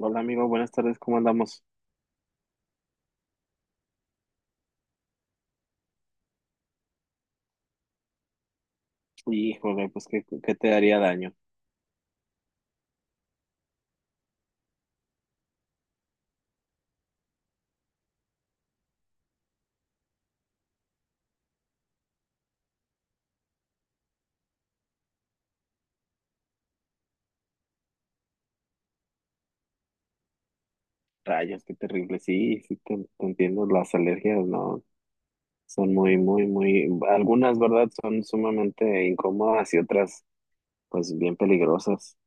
Hola amigo, buenas tardes, ¿cómo andamos? Híjole, pues qué te daría daño. Rayos, qué terrible. Sí, sí, te entiendo, las alergias, ¿no? Son muy, muy, muy, algunas, ¿verdad? Son sumamente incómodas y otras, pues bien peligrosas.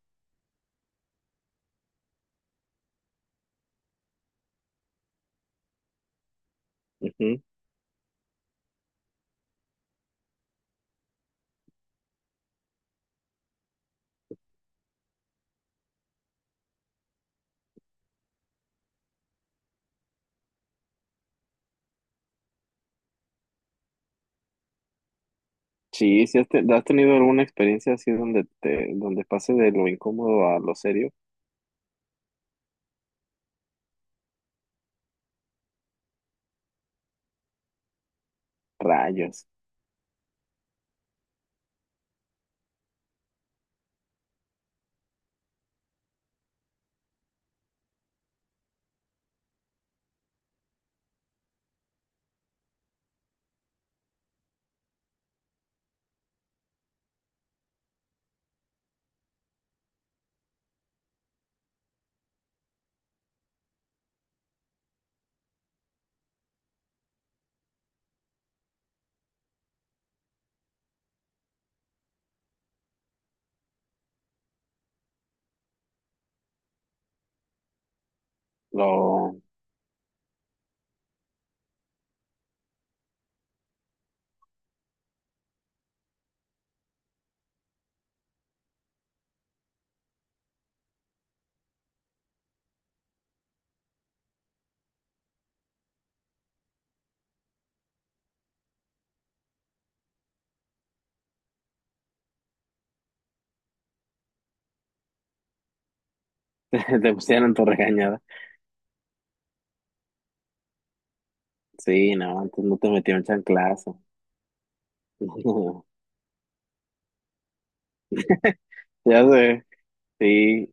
Ujú. Sí, sí, ¿has tenido alguna experiencia así donde te, donde pase de lo incómodo a lo serio? Rayos, lo, te pusieron tu regañada. Sí, no, antes no te metieron chanclazo. Ya sé, sí.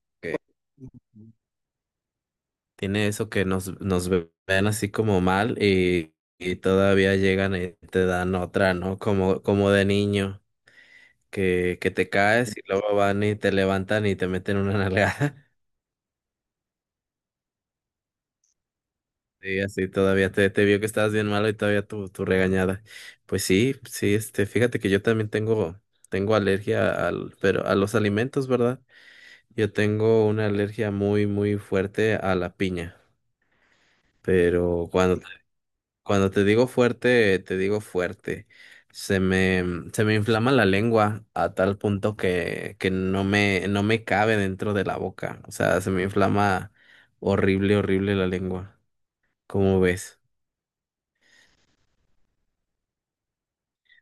Ok. Tiene eso que nos, ven así como mal y todavía llegan y te dan otra, ¿no? Como, como de niño, que te caes y luego van y te levantan y te meten una nalgada. Y así todavía te vio que estabas bien malo y todavía tu, tu regañada. Pues sí, sí, este, fíjate que yo también tengo, tengo alergia al, pero a los alimentos, ¿verdad? Yo tengo una alergia muy, muy fuerte a la piña. Pero cuando Cuando te digo fuerte, te digo fuerte. Se me, se me inflama la lengua a tal punto que no me cabe dentro de la boca. O sea, se me inflama horrible, horrible la lengua. ¿Cómo ves?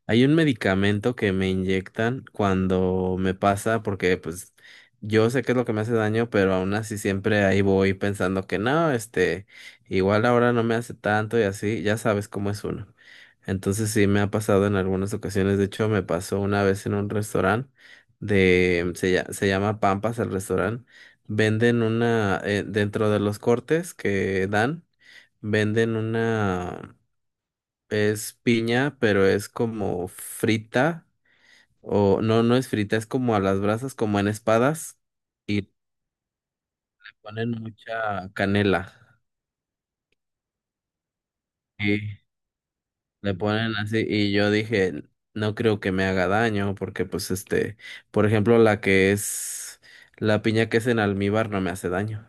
Hay un medicamento que me inyectan cuando me pasa, porque pues yo sé que es lo que me hace daño, pero aún así siempre ahí voy pensando que no, este, igual ahora no me hace tanto y así, ya sabes cómo es uno. Entonces sí me ha pasado en algunas ocasiones, de hecho me pasó una vez en un restaurante de, se llama Pampas el restaurante, venden una, dentro de los cortes que dan, venden una es piña, pero es como frita, o no, no es frita, es como a las brasas, como en espadas, y le ponen mucha canela. Y le ponen así, y yo dije, no creo que me haga daño, porque pues este, por ejemplo, la piña que es en almíbar no me hace daño.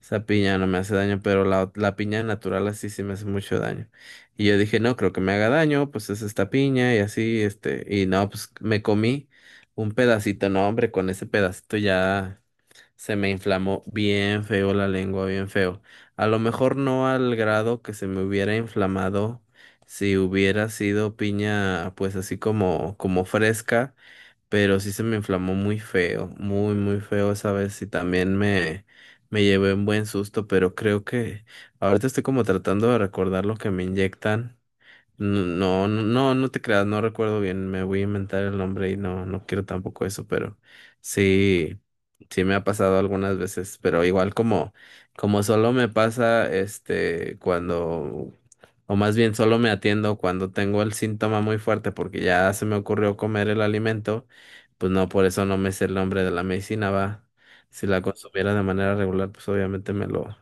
Esa piña no me hace daño, pero la piña natural así sí me hace mucho daño. Y yo dije, no creo que me haga daño, pues es esta piña y así, este, y no, pues me comí un pedacito, no, hombre, con ese pedacito ya se me inflamó bien feo la lengua, bien feo. A lo mejor no al grado que se me hubiera inflamado si hubiera sido piña, pues así como, como fresca, pero sí se me inflamó muy feo, muy, muy feo esa vez y también me llevé un buen susto, pero creo que ahorita estoy como tratando de recordar lo que me inyectan. No, no, no, no te creas, no recuerdo bien, me voy a inventar el nombre y no, no quiero tampoco eso, pero sí, sí me ha pasado algunas veces, pero igual como, como solo me pasa, este, cuando, o más bien solo me atiendo cuando tengo el síntoma muy fuerte porque ya se me ocurrió comer el alimento, pues no, por eso no me sé el nombre de la medicina, va. Si la consumiera de manera regular, pues obviamente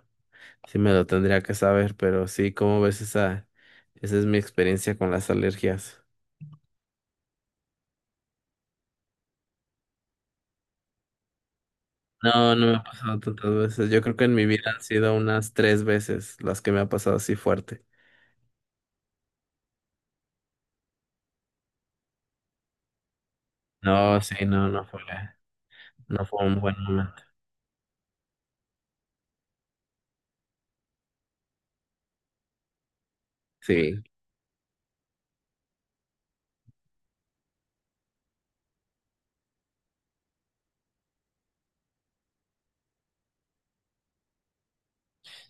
sí me lo tendría que saber, pero sí, ¿cómo ves esa? Esa es mi experiencia con las alergias. No, no me ha pasado tantas veces. Yo creo que en mi vida han sido unas tres veces las que me ha pasado así fuerte. No, sí, no fue un buen momento. Sí,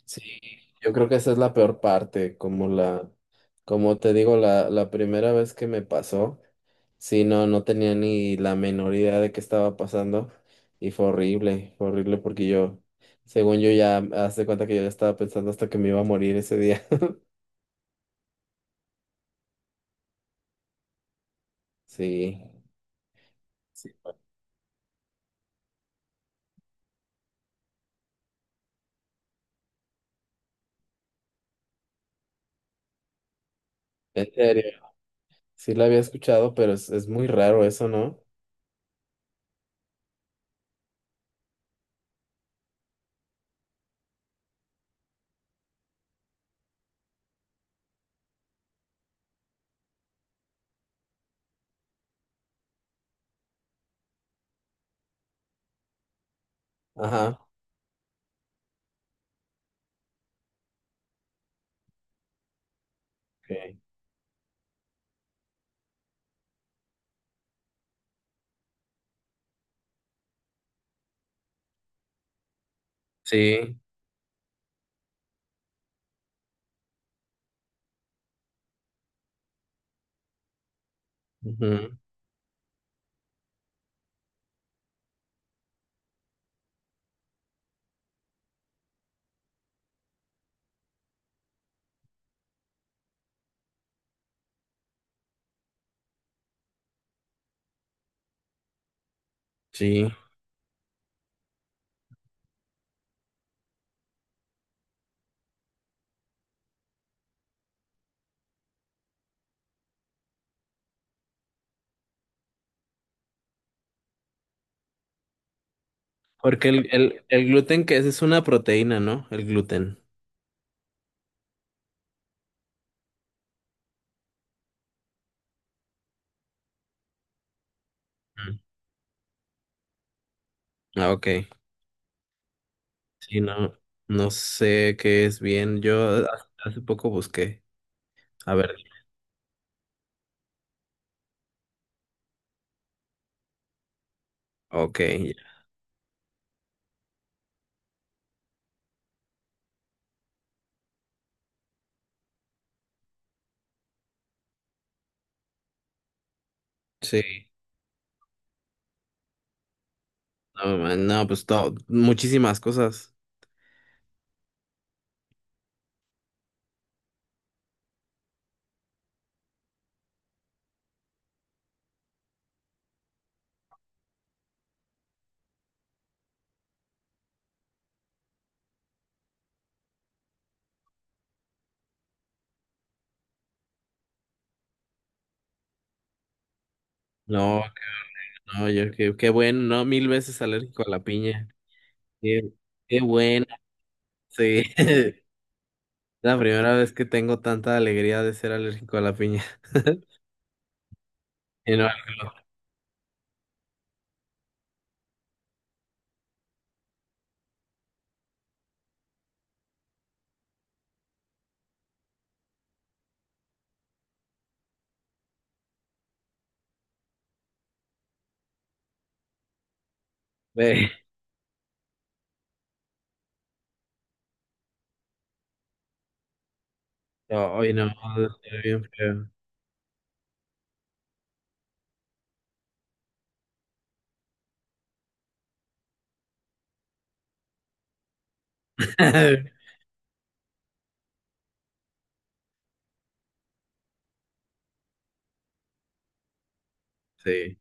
sí. Yo creo que esa es la peor parte, como la, como te digo, la primera vez que me pasó, sí, no tenía ni la menor idea de qué estaba pasando y fue horrible porque yo, según yo ya, haz de cuenta que yo ya estaba pensando hasta que me iba a morir ese día. Sí. En serio, sí la había escuchado, pero es muy raro eso, ¿no? Ajá. Ok. Sí, ujú, sí. Porque el gluten que es una proteína, ¿no? El gluten. Mm. Ah, ok. Sí, no, no sé qué es bien. Yo hace poco busqué. A ver, ok, ya. Sí, no, man, no, pues todo, muchísimas cosas. No, no, yo qué, qué bueno, no, mil veces alérgico a la piña. Qué, qué bueno, sí. La primera vez que tengo tanta alegría de ser alérgico a la piña. Y no, ve, no, hoy no, estoy bien feo. Sí.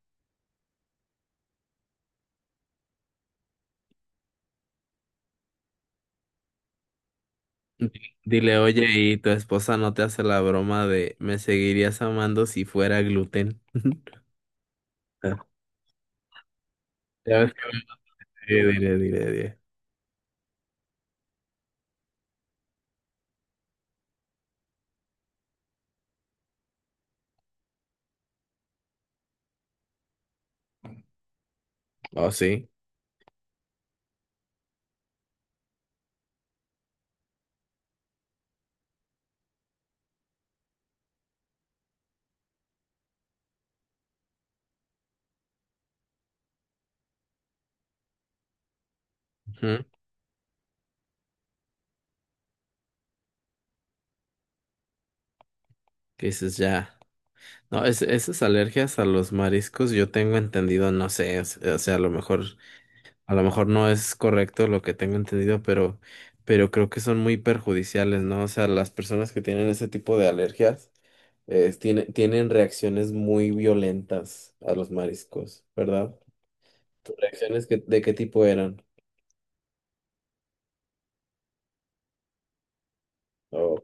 Dile, oye, ¿y tu esposa no te hace la broma de me seguirías amando si fuera gluten? Ah, ya ves que dile, dile, dile. Oh, sí. Ujú. Que dices ya. No, es, esas alergias a los mariscos yo tengo entendido, no sé, o sea, a lo mejor no es correcto lo que tengo entendido, pero creo que son muy perjudiciales, ¿no? O sea, las personas que tienen ese tipo de alergias, tienen reacciones muy violentas a los mariscos, ¿verdad? ¿Tus reacciones de qué tipo eran? O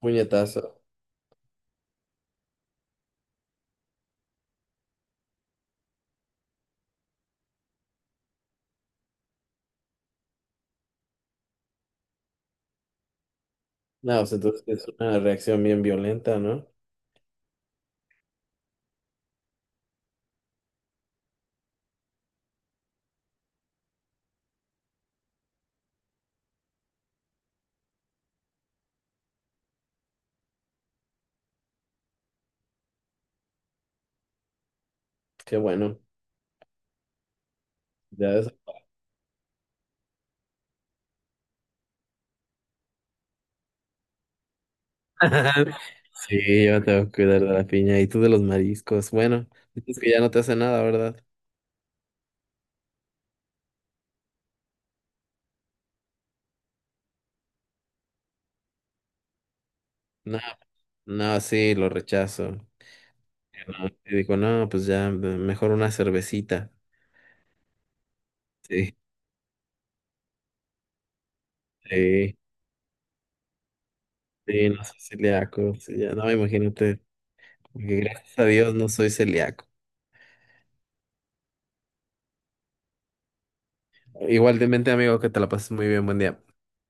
puñetazo. No, o sea, entonces es una reacción bien violenta, ¿no? Qué bueno. Ya es- Sí, yo me tengo que cuidar de la piña y tú de los mariscos. Bueno, dices que ya no te hace nada, ¿verdad? No, no, sí, lo rechazo. ¿No? Y digo, no, pues ya, mejor una cervecita. Sí, sí, sí, no soy celíaco. Sí, ya, no, imagínate, porque gracias a Dios no soy celíaco. Igualmente, amigo, que te la pases muy bien, buen día.